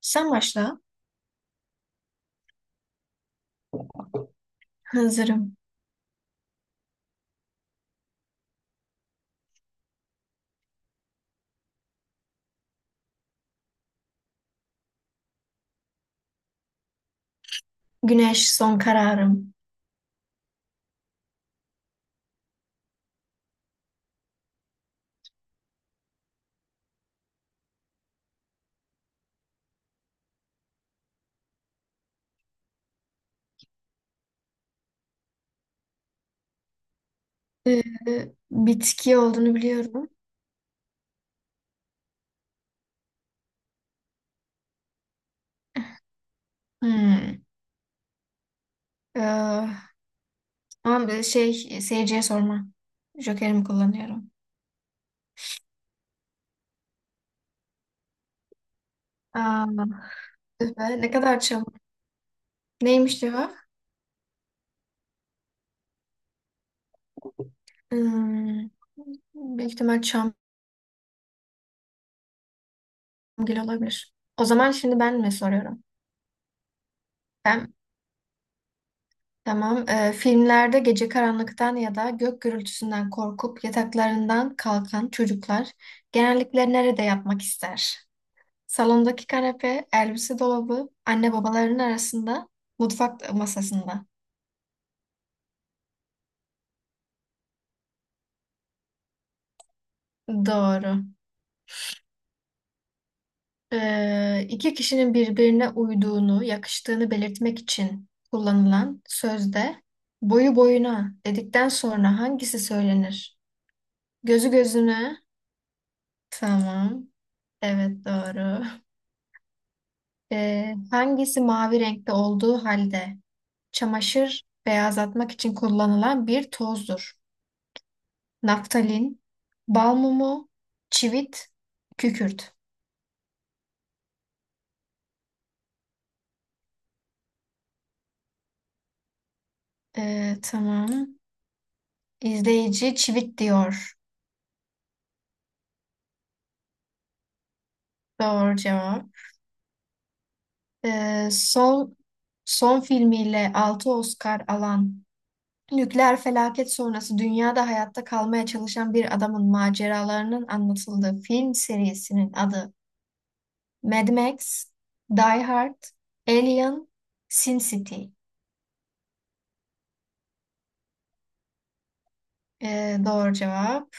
Sen başla. Hazırım. Güneş son kararım. Ee, Bitki olduğunu biliyorum. Hmm. Ee, Ama bir şey seyirciye sorma. Jokerimi kullanıyorum. Aa, tüh be, ne kadar çabuk. Neymiş cevap? Hmm, Büyük ihtimal Çamgil olabilir. O zaman şimdi ben mi soruyorum? Ben, tamam. Filmlerde gece karanlıktan ya da gök gürültüsünden korkup yataklarından kalkan çocuklar genellikle nerede yatmak ister? Salondaki kanepe, elbise dolabı, anne babaların arasında, mutfak masasında. Doğru. İki kişinin birbirine uyduğunu, yakıştığını belirtmek için kullanılan sözde boyu boyuna dedikten sonra hangisi söylenir? Gözü gözüne. Tamam. Evet doğru. Hangisi mavi renkte olduğu halde çamaşır beyazlatmak için kullanılan bir tozdur? Naftalin, bal mumu, çivit, kükürt. Tamam. İzleyici çivit diyor. Doğru cevap. Ee, son son filmiyle 6 Oscar alan nükleer felaket sonrası dünyada hayatta kalmaya çalışan bir adamın maceralarının anlatıldığı film serisinin adı Mad Max, Die Hard, Alien, Sin City. Doğru cevap.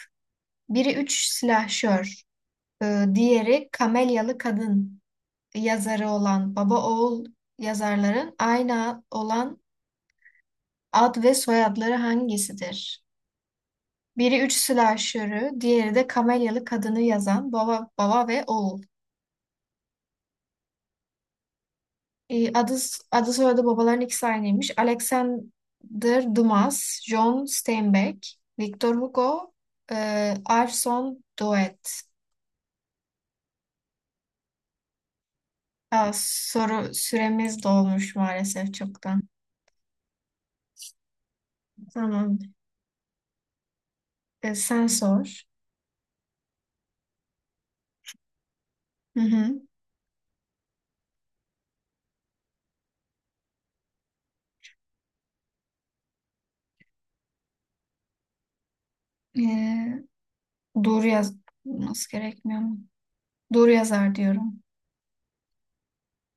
Biri üç silahşör. Diğeri Kamelyalı Kadın yazarı olan baba oğul yazarların aynı olan ad ve soyadları hangisidir? Biri üç slasher'ı, diğeri de Kamelyalı Kadını yazan baba ve oğul. Ee, adı, adı soyadı babaların ikisi aynıymış. Alexander Dumas, John Steinbeck, Victor Hugo, Arson Doet. Aa, soru süremiz dolmuş maalesef çoktan. Tamam. Sen sor. Hı hı. Ee, doğru yazması gerekmiyor mu? Doğru yazar diyorum.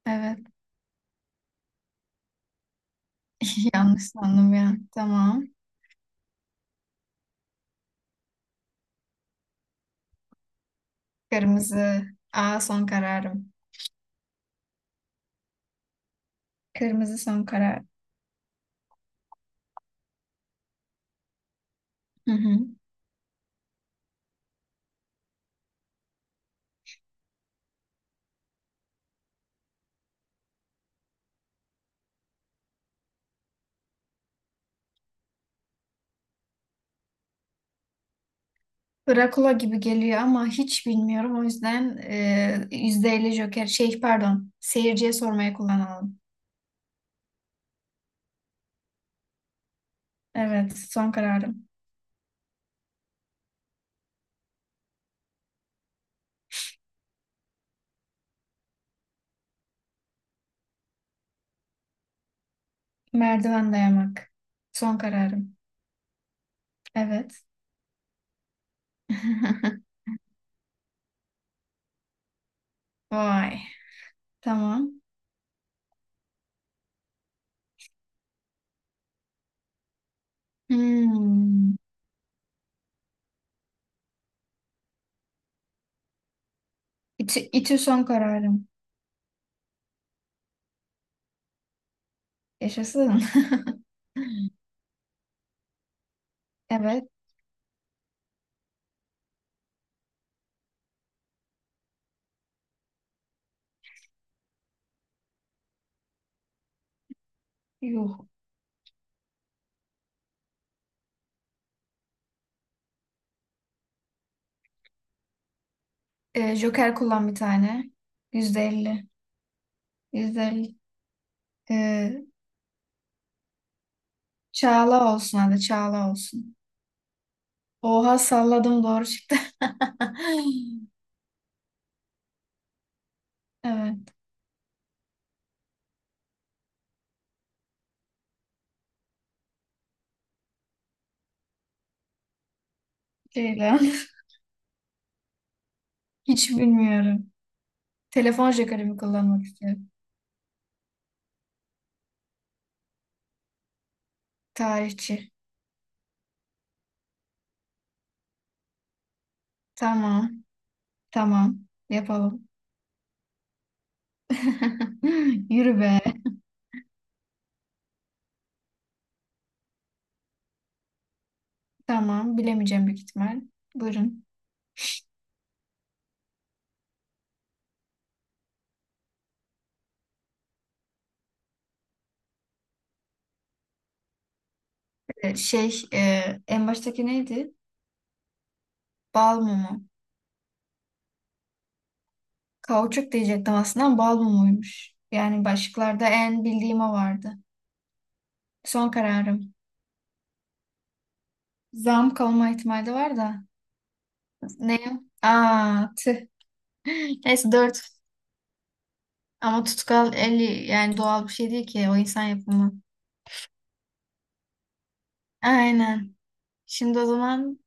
Evet. Yanlış sandım ya. Tamam. Kırmızı. Aa, son kararım. Kırmızı son karar. Hı hı. Drakula gibi geliyor ama hiç bilmiyorum. O yüzden %50 Joker. Şey pardon. Seyirciye sormaya kullanalım. Evet. Son kararım. Merdiven dayamak. Son kararım. Evet. Vay. Tamam. Hmm. İti son kararım. Yaşasın. Evet. Yuh. Joker kullan bir tane. %50. %50. Ee, Çağla olsun hadi. Çağla olsun. Oha salladım doğru çıktı. Evet. Ceylan. Hiç bilmiyorum. Telefon jokerimi kullanmak istiyorum. Tarihçi. Tamam. Tamam. Yapalım. Yürü be. Tamam. Bilemeyeceğim büyük ihtimal. Buyurun. Ee, Şey, e, En baştaki neydi? Bal mumu. Kauçuk diyecektim aslında ama bal mumuymuş. Yani başlıklarda en bildiğim o vardı. Son kararım. Zam kalma ihtimali var da. Ne? Aa, tüh. Neyse dört. Ama tutkal eli yani doğal bir şey değil ki. O insan yapımı. Aynen. Şimdi o zaman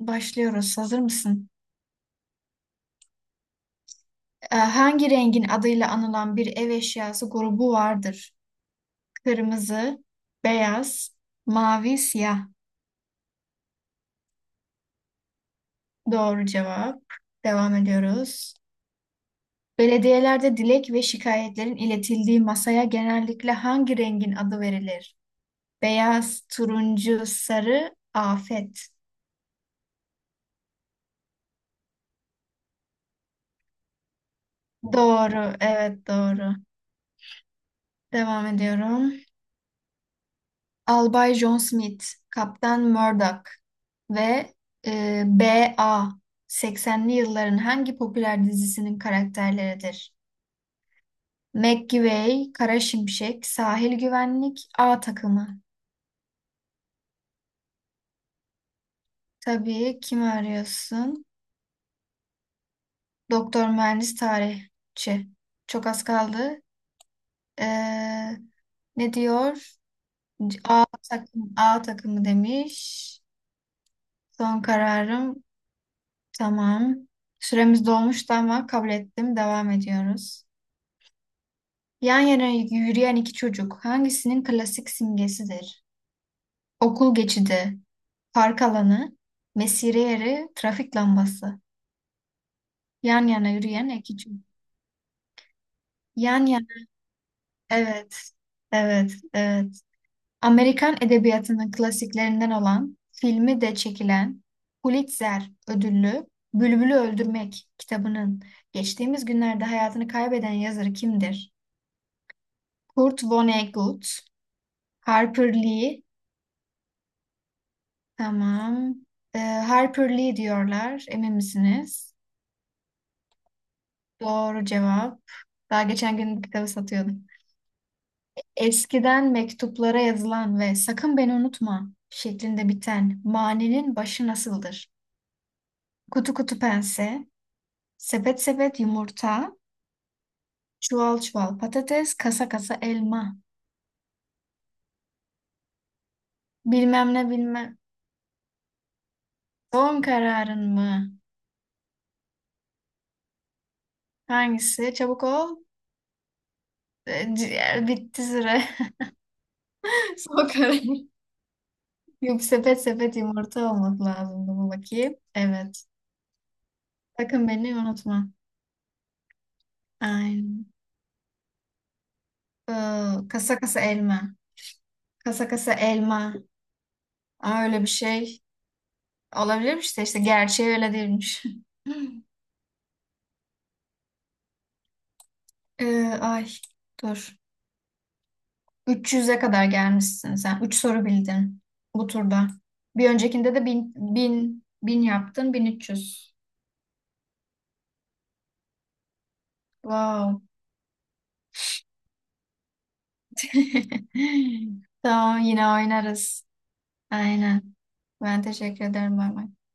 başlıyoruz. Hazır mısın? Hangi rengin adıyla anılan bir ev eşyası grubu vardır? Kırmızı, beyaz, mavi, siyah. Doğru cevap. Devam ediyoruz. Belediyelerde dilek ve şikayetlerin iletildiği masaya genellikle hangi rengin adı verilir? Beyaz, turuncu, sarı, afet. Doğru, evet doğru. Devam ediyorum. Albay John Smith, Kaptan Murdoch ve B.A. 80'li yılların hangi popüler dizisinin karakterleridir? McGivey, Kara Şimşek, Sahil Güvenlik, A takımı. Tabii kim arıyorsun? Doktor, mühendis, tarihçi. Çok az kaldı. Ee, Ne diyor? A takımı demiş. Son kararım. Tamam. Süremiz dolmuştu ama kabul ettim. Devam ediyoruz. Yan yana yürüyen iki çocuk hangisinin klasik simgesidir? Okul geçidi, park alanı, mesire yeri, trafik lambası. Yan yana yürüyen iki çocuk. Yan yana. Evet. Evet. Evet. Amerikan edebiyatının klasiklerinden olan, filmi de çekilen Pulitzer ödüllü Bülbül'ü Öldürmek kitabının geçtiğimiz günlerde hayatını kaybeden yazarı kimdir? Kurt Vonnegut, Harper Lee, tamam. Harper Lee diyorlar, emin misiniz? Doğru cevap. Daha geçen gün bu kitabı satıyordum. Eskiden mektuplara yazılan ve sakın beni unutma şeklinde biten manenin başı nasıldır? Kutu kutu pense, sepet sepet yumurta, çuval çuval patates, kasa kasa elma. Bilmem ne bilmem. Son kararın mı? Hangisi? Çabuk ol. Ciğer bitti süre. Son karar. Yok, sepet sepet yumurta olmak lazımdı bu bakayım. Evet. Sakın beni unutma. Aynen. Ee, Kasa kasa elma. Kasa kasa elma. Aa, öyle bir şey olabilirmiş de işte gerçeği öyle değilmiş. Ay, dur. 300'e kadar gelmişsin sen. 3 soru bildin bu turda. Bir öncekinde de bin 1000 yaptın 1300. Wow. Tamam yine oynarız. Aynen. Ben teşekkür ederim. Bay bay.